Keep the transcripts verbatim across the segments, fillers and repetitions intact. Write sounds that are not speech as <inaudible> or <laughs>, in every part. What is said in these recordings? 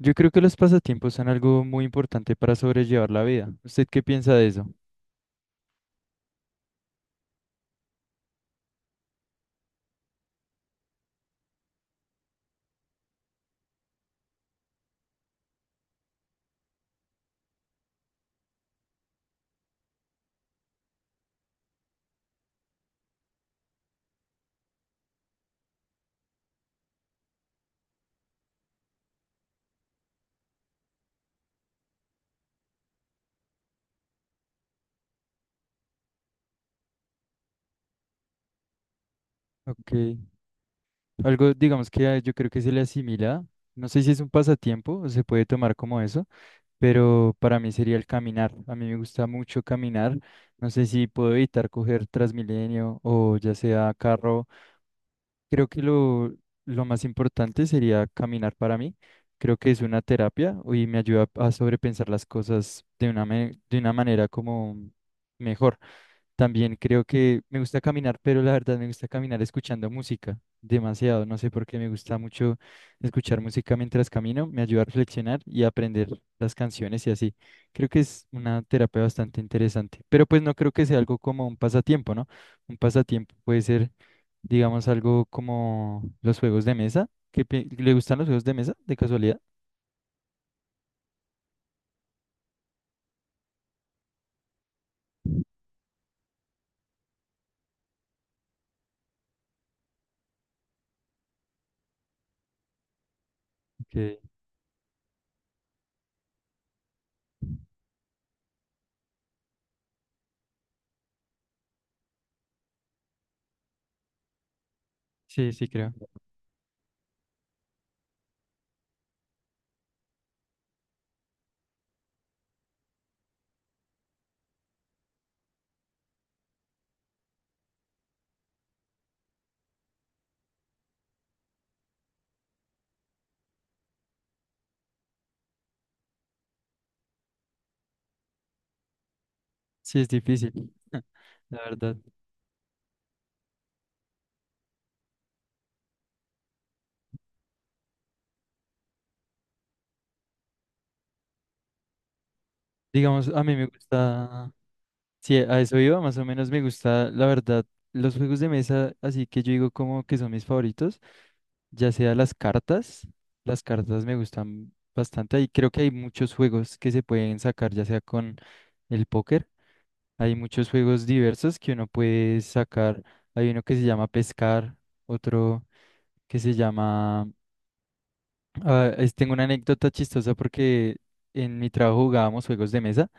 Yo creo que los pasatiempos son algo muy importante para sobrellevar la vida. ¿Usted qué piensa de eso? Ok. Algo, digamos que a- yo creo que se le asimila. No sé si es un pasatiempo o se puede tomar como eso, pero para mí sería el caminar. A mí me gusta mucho caminar. No sé si puedo evitar coger Transmilenio o ya sea carro. Creo que lo, lo más importante sería caminar para mí. Creo que es una terapia y me ayuda a sobrepensar las cosas de una, me- de una manera como mejor. También creo que me gusta caminar, pero la verdad me gusta caminar escuchando música demasiado. No sé por qué me gusta mucho escuchar música mientras camino. Me ayuda a reflexionar y a aprender las canciones y así. Creo que es una terapia bastante interesante. Pero pues no creo que sea algo como un pasatiempo, ¿no? Un pasatiempo puede ser, digamos, algo como los juegos de mesa. ¿Qué pi- le gustan los juegos de mesa, de casualidad? Ok. Sí, sí creo. Sí, es difícil, <laughs> la verdad. Digamos, a mí me gusta. Sí, a eso iba, más o menos me gusta, la verdad, los juegos de mesa, así que yo digo como que son mis favoritos, ya sea las cartas, las cartas me gustan bastante y creo que hay muchos juegos que se pueden sacar, ya sea con el póker, hay muchos juegos diversos que uno puede sacar, hay uno que se llama pescar, otro que se llama, ah, es- tengo una anécdota chistosa porque en mi trabajo jugábamos juegos de mesa.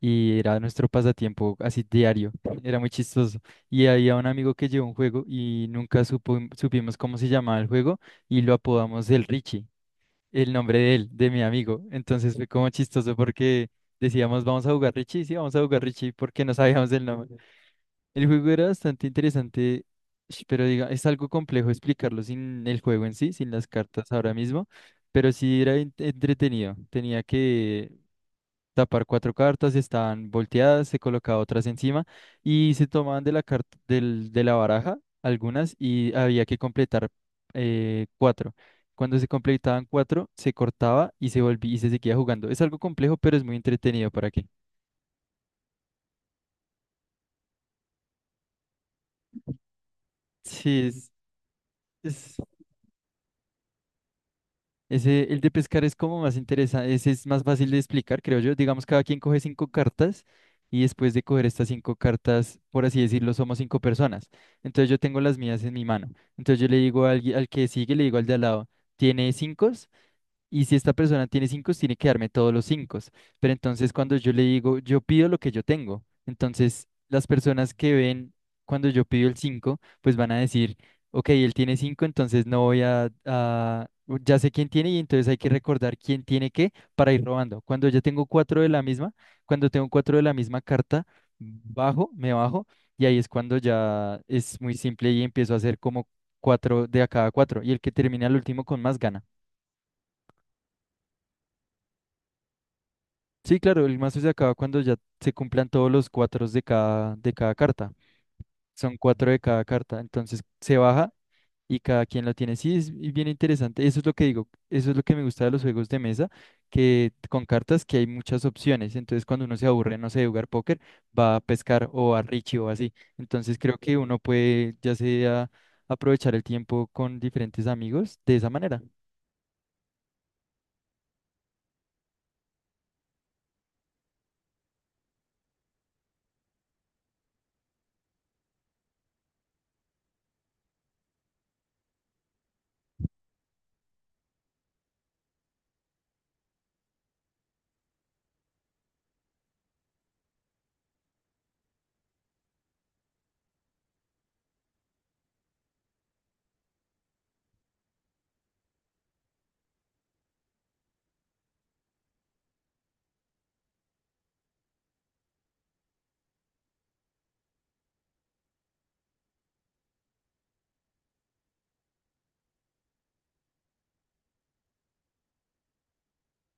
Y era nuestro pasatiempo así diario. Era muy chistoso. Y había un amigo que llevó un juego y nunca supo, supimos cómo se llamaba el juego y lo apodamos el Richie, el nombre de él, de mi amigo. Entonces fue como chistoso porque decíamos, vamos a jugar Richie, sí, vamos a jugar Richie porque no sabíamos el nombre. El juego era bastante interesante, sh- pero diga, es algo complejo explicarlo sin el juego en sí, sin las cartas ahora mismo, pero sí era en- entretenido. Tenía que tapar cuatro cartas, estaban volteadas, se colocaba otras encima y se tomaban de la cart- del- de la baraja algunas y había que completar eh, cuatro. Cuando se completaban cuatro, se cortaba y se volvía y se seguía jugando. Es algo complejo, pero es muy entretenido para qué. Sí, es, ese, el de pescar es como más interesante, ese es más fácil de explicar, creo yo. Digamos, cada quien coge cinco cartas y después de coger estas cinco cartas, por así decirlo, somos cinco personas. Entonces yo tengo las mías en mi mano. Entonces yo le digo al, al que sigue, le digo al de al lado, ¿tiene cinco? Y si esta persona tiene cinco, tiene que darme todos los cinco. Pero entonces cuando yo le digo, yo pido lo que yo tengo, entonces las personas que ven cuando yo pido el cinco, pues van a decir, ok, él tiene cinco, entonces no voy a, a- ya sé quién tiene y entonces hay que recordar quién tiene qué para ir robando. Cuando ya tengo cuatro de la misma, cuando tengo cuatro de la misma carta, bajo, me bajo y ahí es cuando ya es muy simple y empiezo a hacer como cuatro de a cada cuatro y el que termina el último con más gana. Sí, claro, el mazo se acaba cuando ya se cumplan todos los cuatro de cada, de cada carta. Son cuatro de cada carta. Entonces se baja y cada quien lo tiene. Sí, es y bien interesante. Eso es lo que digo. Eso es lo que me gusta de los juegos de mesa, que con cartas que hay muchas opciones. Entonces cuando uno se aburre, no sé, de jugar póker, va a pescar o a Richie o así. Entonces creo que uno puede ya sea aprovechar el tiempo con diferentes amigos de esa manera.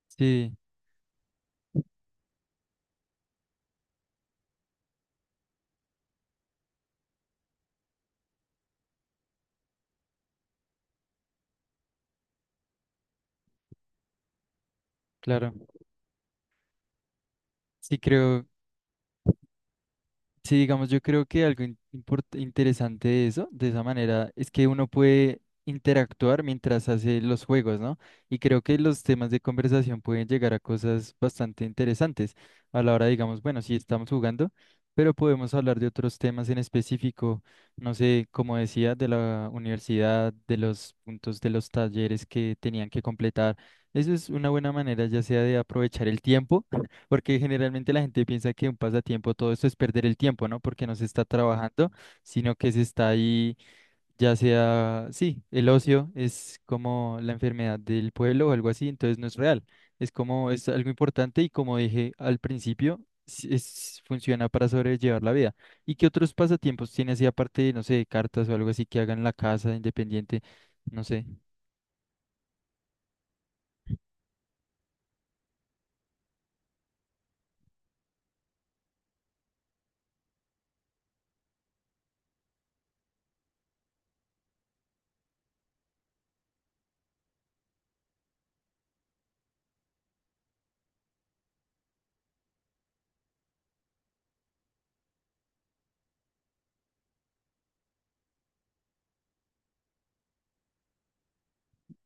Sí, claro. Sí, creo. Sí, digamos, yo creo que algo in- import- interesante de eso, de esa manera, es que uno puede interactuar mientras hace los juegos, ¿no? Y creo que los temas de conversación pueden llegar a cosas bastante interesantes a la hora, digamos, bueno, sí estamos jugando, pero podemos hablar de otros temas en específico, no sé, como decía, de la universidad, de los puntos de los talleres que tenían que completar. Eso es una buena manera, ya sea de aprovechar el tiempo porque generalmente la gente piensa que un pasatiempo, todo esto es perder el tiempo, ¿no? Porque no se está trabajando, sino que se está ahí, ya sea, sí, el ocio es como la enfermedad del pueblo o algo así, entonces no es real. Es como, es algo importante y como dije al principio, s- es, funciona para sobrellevar la vida. ¿Y qué otros pasatiempos tiene así aparte de, no sé, cartas o algo así que hagan en la casa, independiente? No sé.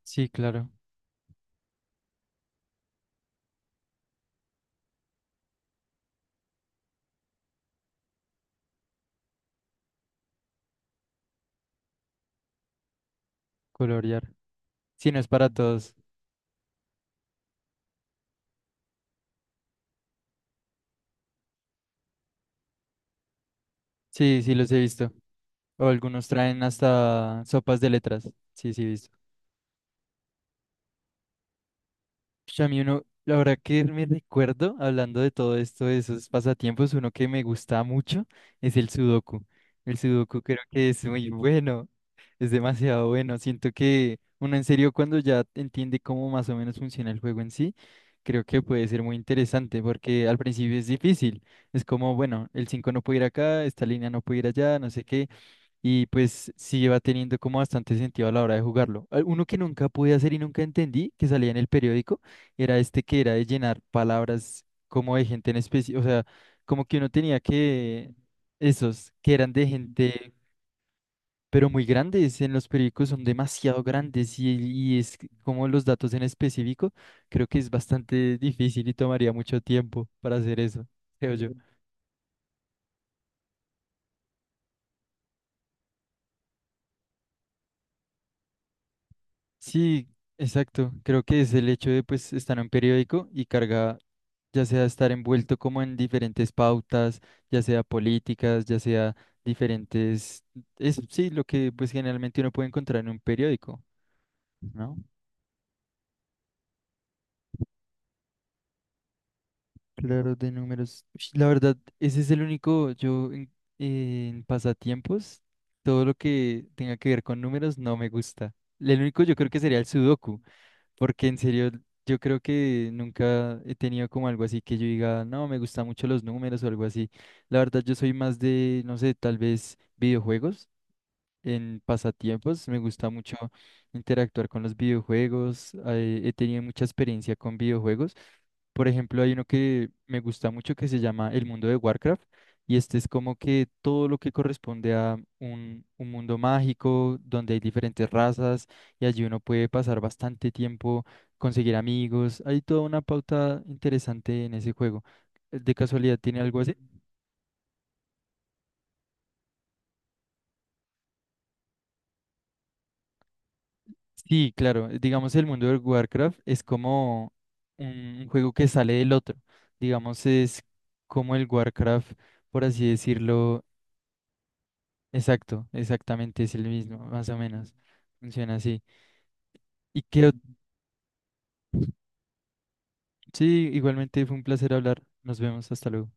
Sí, claro, colorear. Sí, no es para todos. Sí, sí, los he visto. O algunos traen hasta sopas de letras. Sí, sí, he visto. Ush, a mí uno, la verdad que me recuerdo, hablando de todo esto, de esos pasatiempos, uno que me gusta mucho es el sudoku. El sudoku creo que es muy bueno, es demasiado bueno. Siento que uno en serio cuando ya entiende cómo más o menos funciona el juego en sí, creo que puede ser muy interesante porque al principio es difícil. Es como, bueno, el cinco no puede ir acá, esta línea no puede ir allá, no sé qué. Y pues sí va teniendo como bastante sentido a la hora de jugarlo. Al- Uno que nunca pude hacer y nunca entendí, que salía en el periódico, era este que era de llenar palabras como de gente en especie, o sea, como que uno tenía que, esos, que eran de gente, pero muy grandes, en los periódicos son demasiado grandes y, y es que como los datos en específico, creo que es bastante difícil y tomaría mucho tiempo para hacer eso, creo yo. Sí, exacto. Creo que es el hecho de pues estar en un periódico y carga, ya sea estar envuelto como en diferentes pautas, ya sea políticas, ya sea diferentes, es sí lo que pues generalmente uno puede encontrar en un periódico, ¿no? Claro, de números. Ush, la verdad, ese es el único, yo en, en pasatiempos, todo lo que tenga que ver con números no me gusta. El único yo creo que sería el sudoku. Porque en serio, yo creo que nunca he tenido como algo así que yo diga, no, me gustan mucho los números o algo así. La verdad, yo soy más de, no sé, tal vez videojuegos. En pasatiempos me gusta mucho interactuar con los videojuegos. eh, he tenido mucha experiencia con videojuegos. Por ejemplo, hay uno que me gusta mucho que se llama El mundo de Warcraft y este es como que todo lo que corresponde a un, un mundo mágico donde hay diferentes razas y allí uno puede pasar bastante tiempo, conseguir amigos. Hay toda una pauta interesante en ese juego. ¿De casualidad tiene algo así? Sí, claro. Digamos, el mundo de Warcraft es como un juego que sale del otro. Digamos, es como el Warcraft, por así decirlo. Exacto, exactamente es el mismo, más o menos. Funciona así. Y que sí, igualmente fue un placer hablar. Nos vemos, hasta luego.